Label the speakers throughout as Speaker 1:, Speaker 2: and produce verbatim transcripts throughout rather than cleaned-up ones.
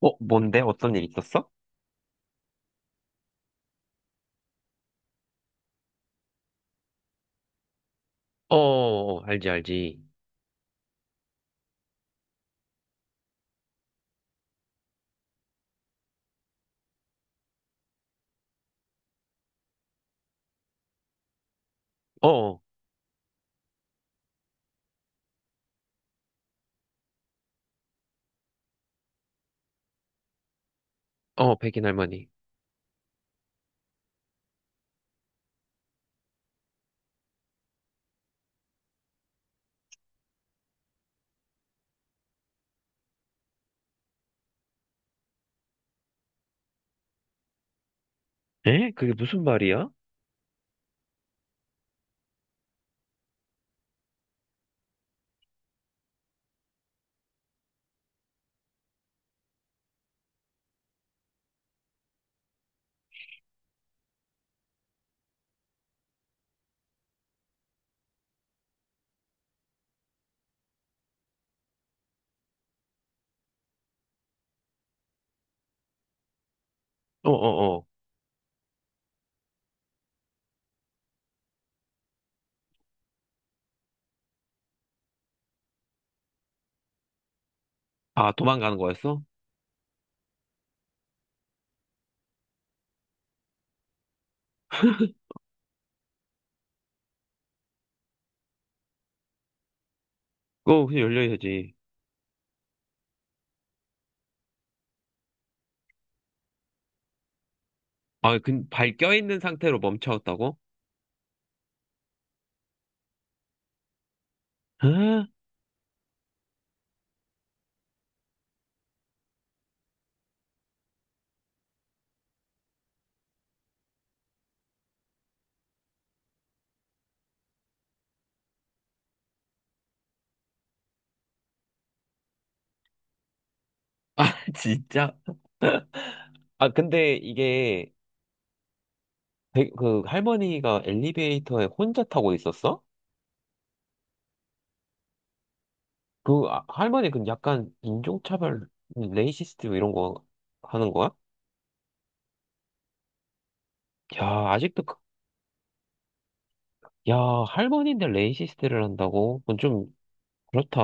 Speaker 1: 어, 뭔데? 어떤 일 있었어? 어, 어, 어, 알지, 알지. 어, 어, 어, 백인 할머니. 에? 그게 무슨 말이야? 어, 어, 어. 아, 도망가는 거였어? 어, 그냥 열려야지. 아, 그, 발 껴있는 상태로 멈췄다고? 에? 아, 진짜? 아, 근데 이게, 백- 그, 할머니가 엘리베이터에 혼자 타고 있었어? 그, 아, 할머니 그 약간 인종차별, 레이시스트 이런 거 하는 거야? 야, 아직도 그, 야, 할머니인데 레이시스트를 한다고? 그건 좀 그렇다.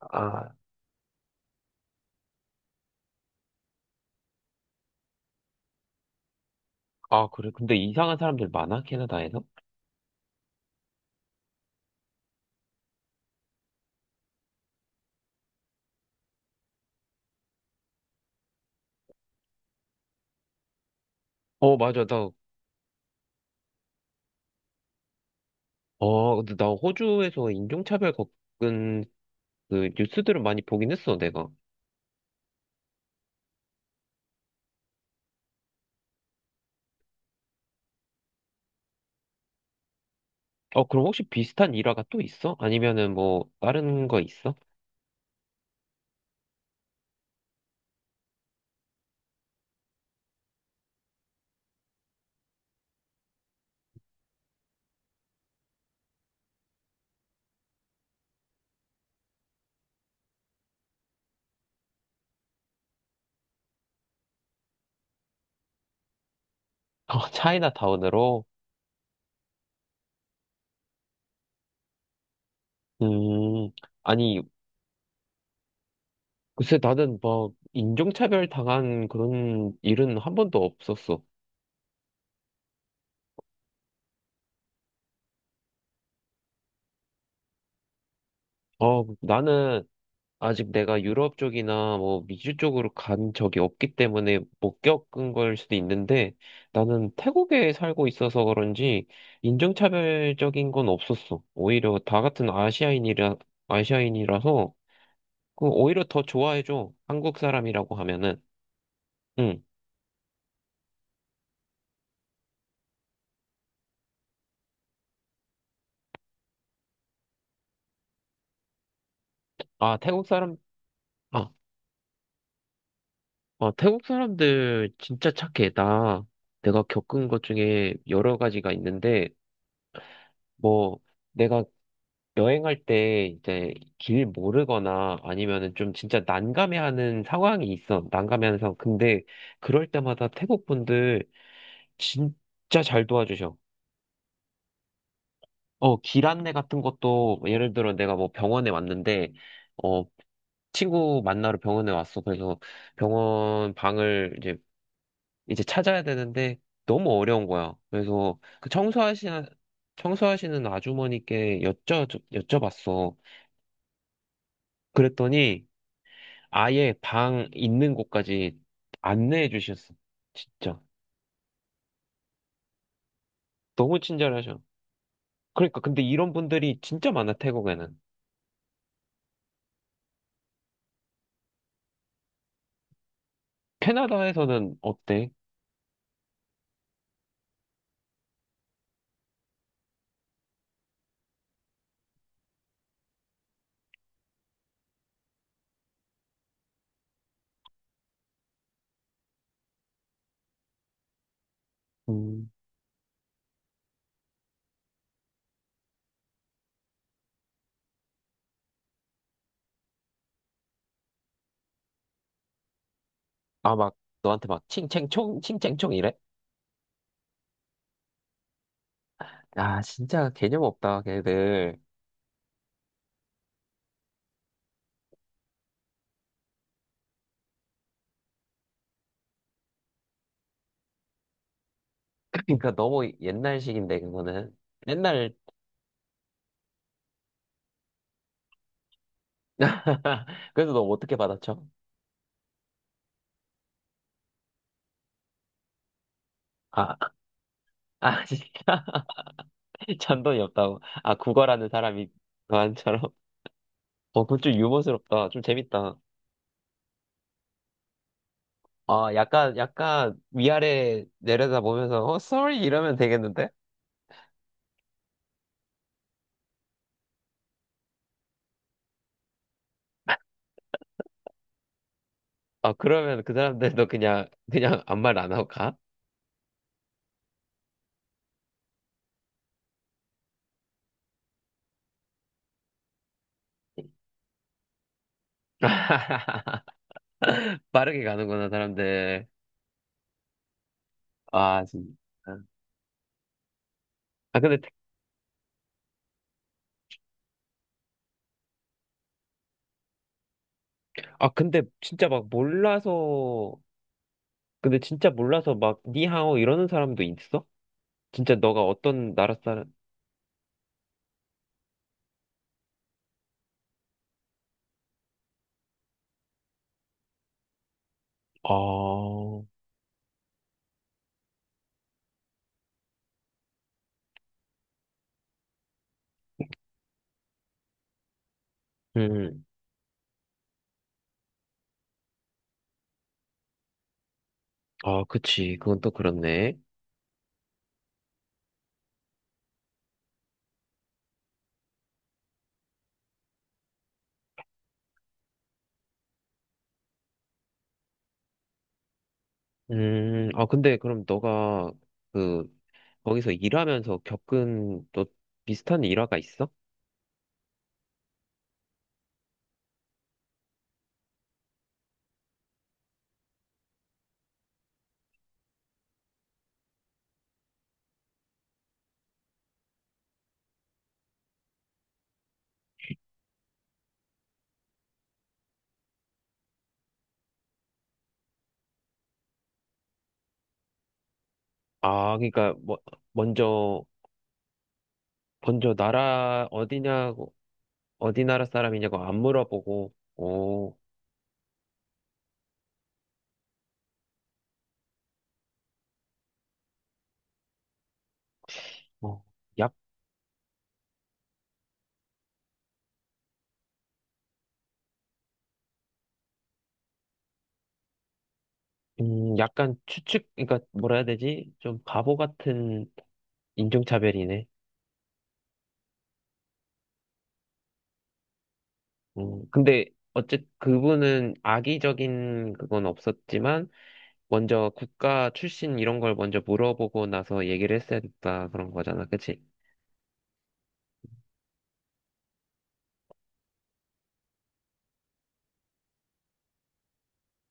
Speaker 1: 아, 아, 그래. 근데 이상한 사람들 많아, 캐나다에서? 어, 맞아. 나, 어, 근데 나 호주에서 인종차별 겪은 그 뉴스들을 많이 보긴 했어, 내가. 어, 그럼 혹시 비슷한 일화가 또 있어? 아니면은 뭐, 다른 거 있어? 어, 차이나타운으로? 음, 아니, 글쎄, 나는 막, 인종차별 당한 그런 일은 한 번도 없었어. 어, 나는, 아직 내가 유럽 쪽이나 뭐 미주 쪽으로 간 적이 없기 때문에 못 겪은 걸 수도 있는데 나는 태국에 살고 있어서 그런지 인종차별적인 건 없었어. 오히려 다 같은 아시아인이라, 아시아인이라서 그 오히려 더 좋아해줘. 한국 사람이라고 하면은. 응. 아, 태국 사람, 아, 아, 태국 사람들 진짜 착해. 나 내가 겪은 것 중에 여러 가지가 있는데 뭐 내가 여행할 때 이제 길 모르거나 아니면은 좀 진짜 난감해하는 상황이 있어. 난감해하는 상황. 근데 그럴 때마다 태국 분들 진짜 잘 도와주셔. 어, 길 안내 같은 것도 뭐 예를 들어 내가 뭐 병원에 왔는데 어, 친구 만나러 병원에 왔어. 그래서 병원 방을 이제 이제 찾아야 되는데 너무 어려운 거야. 그래서 그 청소하시는 청소하시는 아주머니께 여쭤 여쭤봤어. 그랬더니 아예 방 있는 곳까지 안내해 주셨어. 진짜. 너무 친절하셔. 그러니까, 근데 이런 분들이 진짜 많아, 태국에는. 캐나다에서는 어때? 음, 아, 막, 너한테 막, 칭챙총, 칭챙총 이래? 아, 진짜 개념 없다, 걔들. 그러니까 너무 옛날식인데, 그거는. 옛날, 그래서 너 어떻게 받아쳐? 아, 아, 진짜. 잔돈이 없다고. 아, 국어라는 사람이 너한처럼. 어, 그건 좀 유머스럽다. 좀 재밌다. 아, 약간, 약간 위아래 내려다보면서, 어, sorry 이러면 되겠는데? 아, 그러면 그 사람들도 그냥, 그냥 아무 말 안 하고 가? 빠르게 가는구나, 사람들. 아, 진짜. 아, 아, 근데, 아, 근데 진짜 막 몰라서, 근데 진짜 몰라서 막, 니하오 이러는 사람도 있어? 진짜 너가 어떤 나라 사람, 아, 음, 아, 그치. 그건 또 그렇네. 음, 아, 근데 그럼 너가 그, 거기서 일하면서 겪은 또 비슷한 일화가 있어? 아, 그러니까, 뭐, 먼저, 먼저 나라 어디냐고, 어디 나라 사람이냐고 안 물어보고, 오, 어, 약, 음, 약간 추측, 그러니까 뭐라 해야 되지? 좀 바보 같은 인종차별이네. 음, 근데, 어쨌, 그분은 악의적인 그건 없었지만, 먼저 국가 출신 이런 걸 먼저 물어보고 나서 얘기를 했어야 됐다 그런 거잖아, 그치?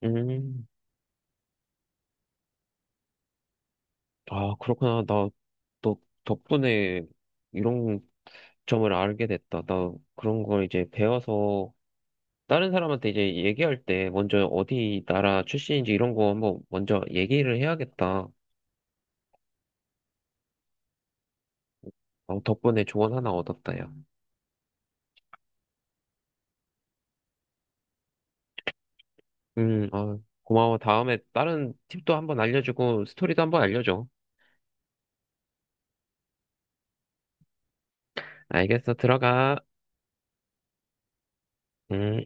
Speaker 1: 음, 아, 그렇구나. 나, 너 덕분에 이런 점을 알게 됐다. 나 그런 걸 이제 배워서 다른 사람한테 이제 얘기할 때 먼저 어디 나라 출신인지 이런 거 한번 먼저 얘기를 해야겠다. 어, 덕분에 조언 하나 얻었다, 야. 음, 아, 고마워. 다음에 다른 팁도 한번 알려주고 스토리도 한번 알려줘. 알겠어. 들어가. 음.